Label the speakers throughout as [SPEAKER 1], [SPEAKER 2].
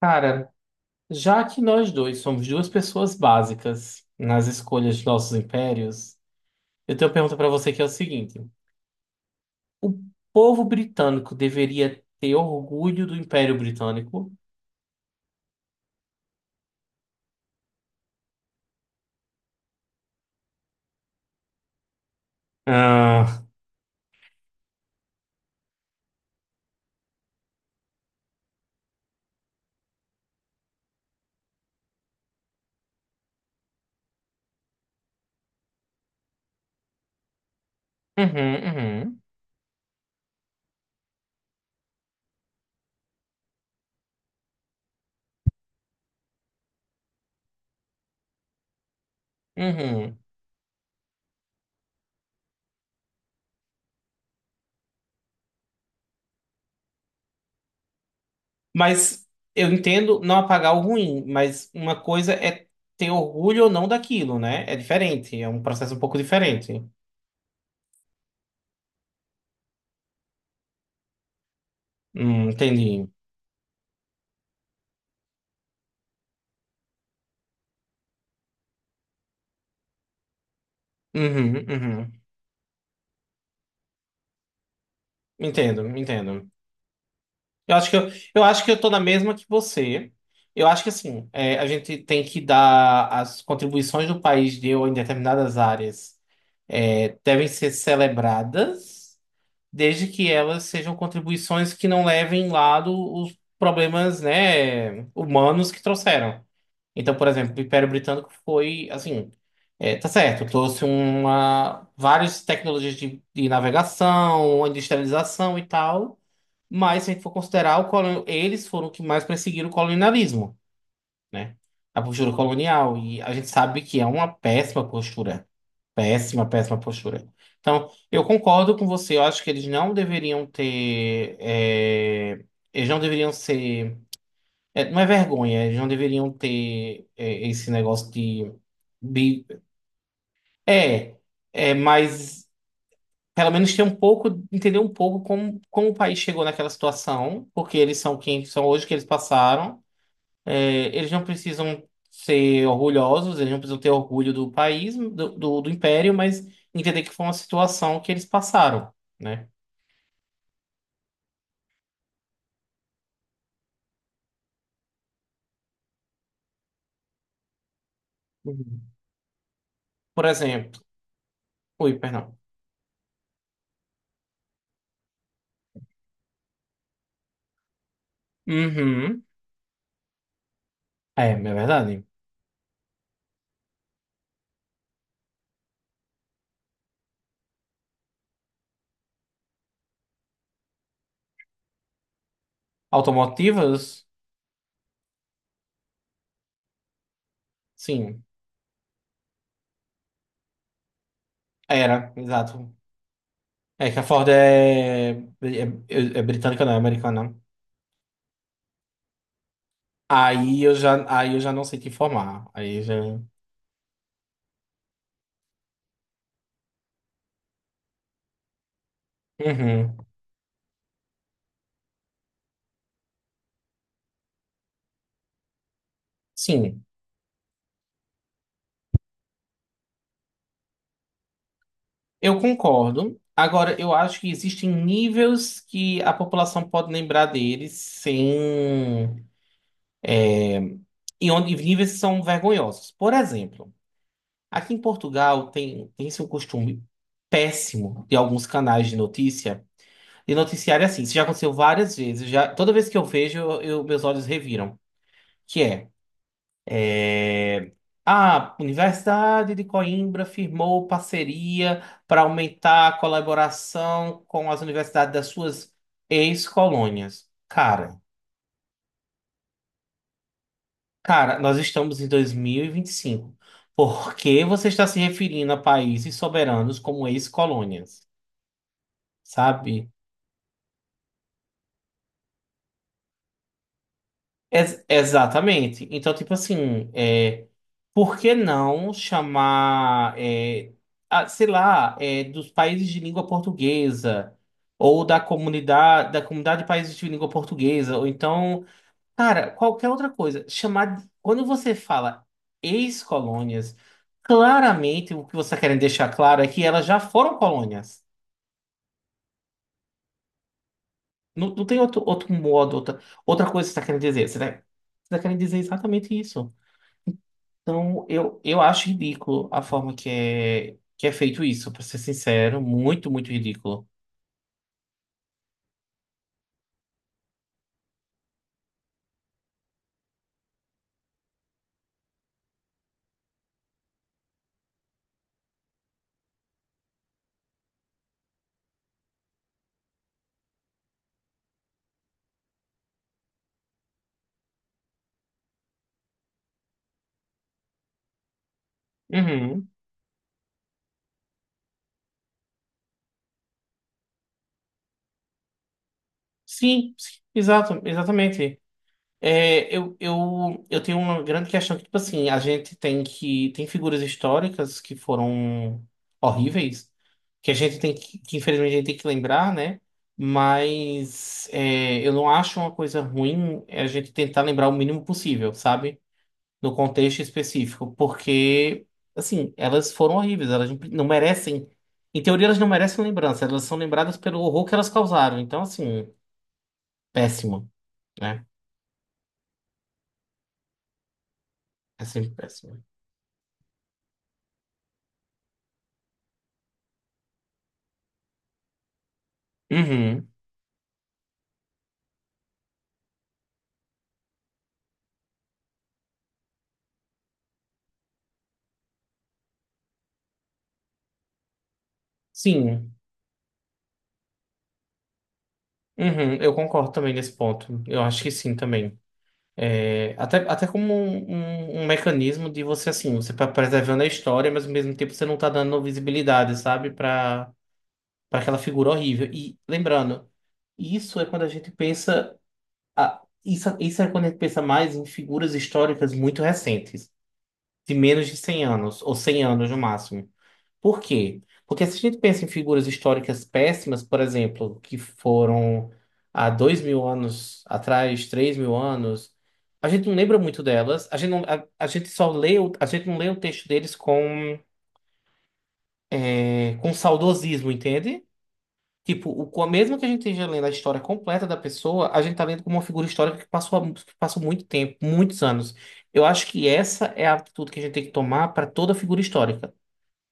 [SPEAKER 1] Cara, já que nós dois somos duas pessoas básicas nas escolhas de nossos impérios, eu tenho uma pergunta pra você que é o seguinte: o povo britânico deveria ter orgulho do Império Britânico? Ah, uhum, uhum. Mas eu entendo não apagar o ruim, mas uma coisa é ter orgulho ou não daquilo, né? É diferente, é um processo um pouco diferente. Entendi. Uhum, uhum. Entendo, entendo. Eu acho que eu, eu acho que eu tô na mesma que você. Eu acho que assim, é, a gente tem que dar as contribuições do país deu em determinadas áreas é, devem ser celebradas desde que elas sejam contribuições que não levem em lado os problemas, né, humanos que trouxeram. Então, por exemplo, o Império Britânico foi assim, é, tá certo, trouxe uma várias tecnologias de navegação, industrialização e tal, mas se a gente for considerar, eles foram os que mais perseguiram o colonialismo, né? A postura colonial, e a gente sabe que é uma péssima postura. Péssima, péssima postura. Então, eu concordo com você. Eu acho que eles não deveriam ter. É, eles não deveriam ser. É, não é vergonha, eles não deveriam ter é, esse negócio de. bi- É, é, mas pelo menos ter um pouco, entender um pouco como, como o país chegou naquela situação, porque eles são quem são hoje, que eles passaram. É, eles não precisam ser orgulhosos, eles não precisam ter orgulho do país, do, do império, mas entender que foi uma situação que eles passaram, né? Uhum. Por exemplo, ui, perdão. Uhum. É, é verdade. Automotivas? Sim, era, exato. É que a Ford é- é britânica, não é americana. Aí eu já não sei te informar. Aí eu já. Uhum. Sim. Eu concordo. Agora, eu acho que existem níveis que a população pode lembrar deles sem. E onde e níveis que são vergonhosos. Por exemplo, aqui em Portugal tem, tem-se um costume péssimo de alguns canais de notícia de noticiário é assim. Isso já aconteceu várias vezes. Já, toda vez que eu vejo, eu- meus olhos reviram. Que é. A Universidade de Coimbra firmou parceria para aumentar a colaboração com as universidades das suas ex-colônias. Cara, nós estamos em 2025. Por que você está se referindo a países soberanos como ex-colônias? Sabe? Exatamente. Então, tipo assim, é, por que não chamar, é, a- sei lá, é, dos países de língua portuguesa, ou da comunidade de países de língua portuguesa, ou então, cara, qualquer outra coisa. Chamar, quando você fala ex-colônias, claramente o que você está querendo deixar claro é que elas já foram colônias. Não, não tem outro, outro modo, outra, outra coisa que você está querendo dizer. Você está querendo dizer exatamente isso. Então, eu acho ridículo a forma que é feito isso, pra ser sincero, muito, muito ridículo. Uhum. Sim, sim, exato, exatamente. É, eu tenho uma grande questão que, tipo assim, a gente tem que. Tem figuras históricas que foram horríveis, que a gente tem que infelizmente a gente tem que lembrar, né? Mas é, eu não acho uma coisa ruim a gente tentar lembrar o mínimo possível, sabe? No contexto específico, porque, assim, elas foram horríveis, elas não merecem. Em teoria, elas não merecem lembrança, elas são lembradas pelo horror que elas causaram. Então, assim, péssimo, né? É sempre péssimo. Uhum. Sim, uhum, eu concordo também nesse ponto. Eu acho que sim também. É, até, até como um, um mecanismo de você, assim, você tá preservando a história, mas ao mesmo tempo você não tá dando visibilidade, sabe, para aquela figura horrível. E lembrando, isso é quando a gente pensa. Ah, isso é quando a gente pensa mais em figuras históricas muito recentes, de menos de 100 anos, ou 100 anos no máximo. Por quê? Porque se a gente pensa em figuras históricas péssimas, por exemplo, que foram há 2 mil anos atrás, 3 mil anos, a gente não lembra muito delas, a gente, não, a gente só lê, a gente não lê o texto deles com, eh, com saudosismo, entende? Tipo, mesmo que a gente esteja lendo a história completa da pessoa, a gente tá lendo como uma figura histórica que passou, que passou muito tempo, muitos anos. Eu acho que essa é a atitude que a gente tem que tomar para toda figura histórica.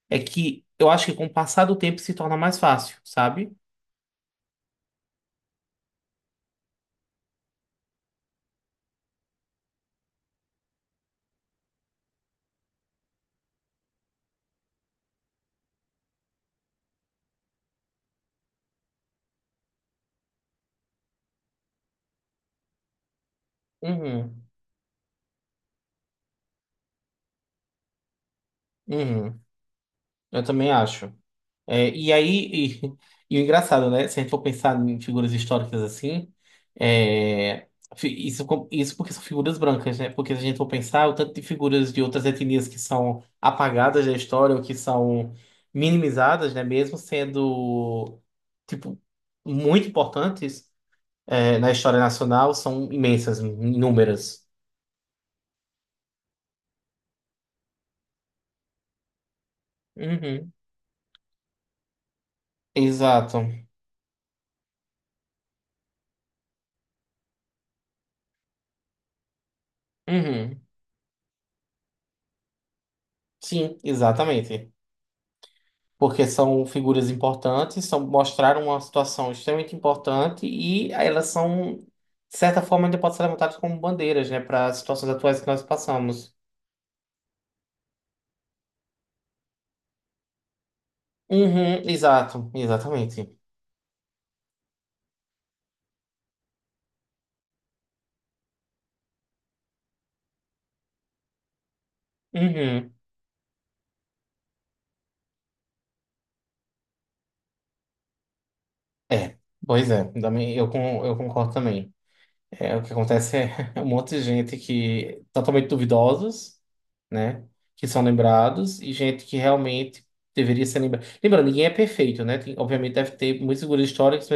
[SPEAKER 1] É que eu acho que com o passar do tempo se torna mais fácil, sabe? Uhum, uhum. Eu também acho. É, e aí, e, e o engraçado, né? Se a gente for pensar em figuras históricas assim, é, isso, isso porque são figuras brancas, né? Porque se a gente for pensar, o tanto de figuras de outras etnias que são apagadas da história ou que são minimizadas, né? Mesmo sendo, tipo, muito importantes, é, na história nacional, são imensas, inúmeras. Uhum. Exato. Uhum. Sim, exatamente. Porque são figuras importantes, são, mostraram uma situação extremamente importante e elas são, de certa forma, ainda podem ser levantadas como bandeiras, né, para as situações atuais que nós passamos. Uhum, exato, exatamente. Uhum, é, pois é, também, eu concordo também. É, o que acontece é um monte de gente que totalmente duvidosos, né, que são lembrados e gente que realmente deveria ser lembrada. Lembrando, ninguém é perfeito, né? Obviamente deve ter muitas figuras históricas.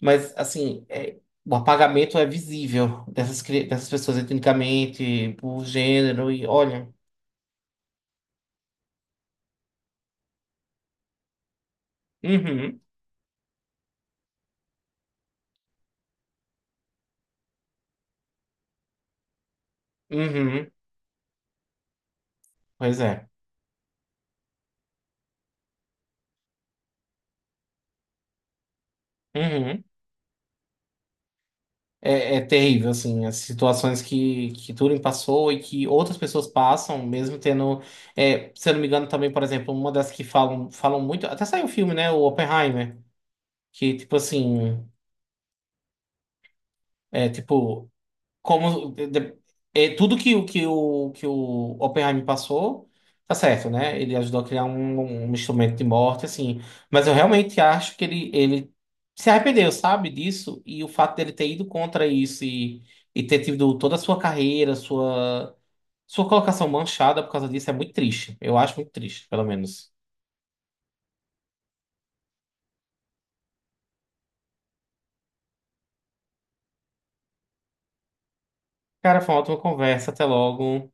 [SPEAKER 1] Mas, assim, é, o apagamento é visível dessas, dessas pessoas etnicamente, por gênero, e olha. Uhum, uhum, pois é. Uhum. É, é terrível, assim, as situações que Turing passou e que outras pessoas passam, mesmo tendo. É, se eu não me engano, também, por exemplo, uma das que falam, falam muito. Até saiu um filme, né? O Oppenheimer, que, tipo assim. É, tipo, como de- é, tudo que, o- que, o, que o Oppenheimer passou, tá certo, né? Ele ajudou a criar um, um instrumento de morte, assim. Mas eu realmente acho que ele se arrependeu, sabe, disso. E o fato dele ter ido contra isso e ter tido toda a sua carreira, sua, sua colocação manchada por causa disso é muito triste. Eu acho muito triste, pelo menos. Cara, foi uma ótima conversa. Até logo.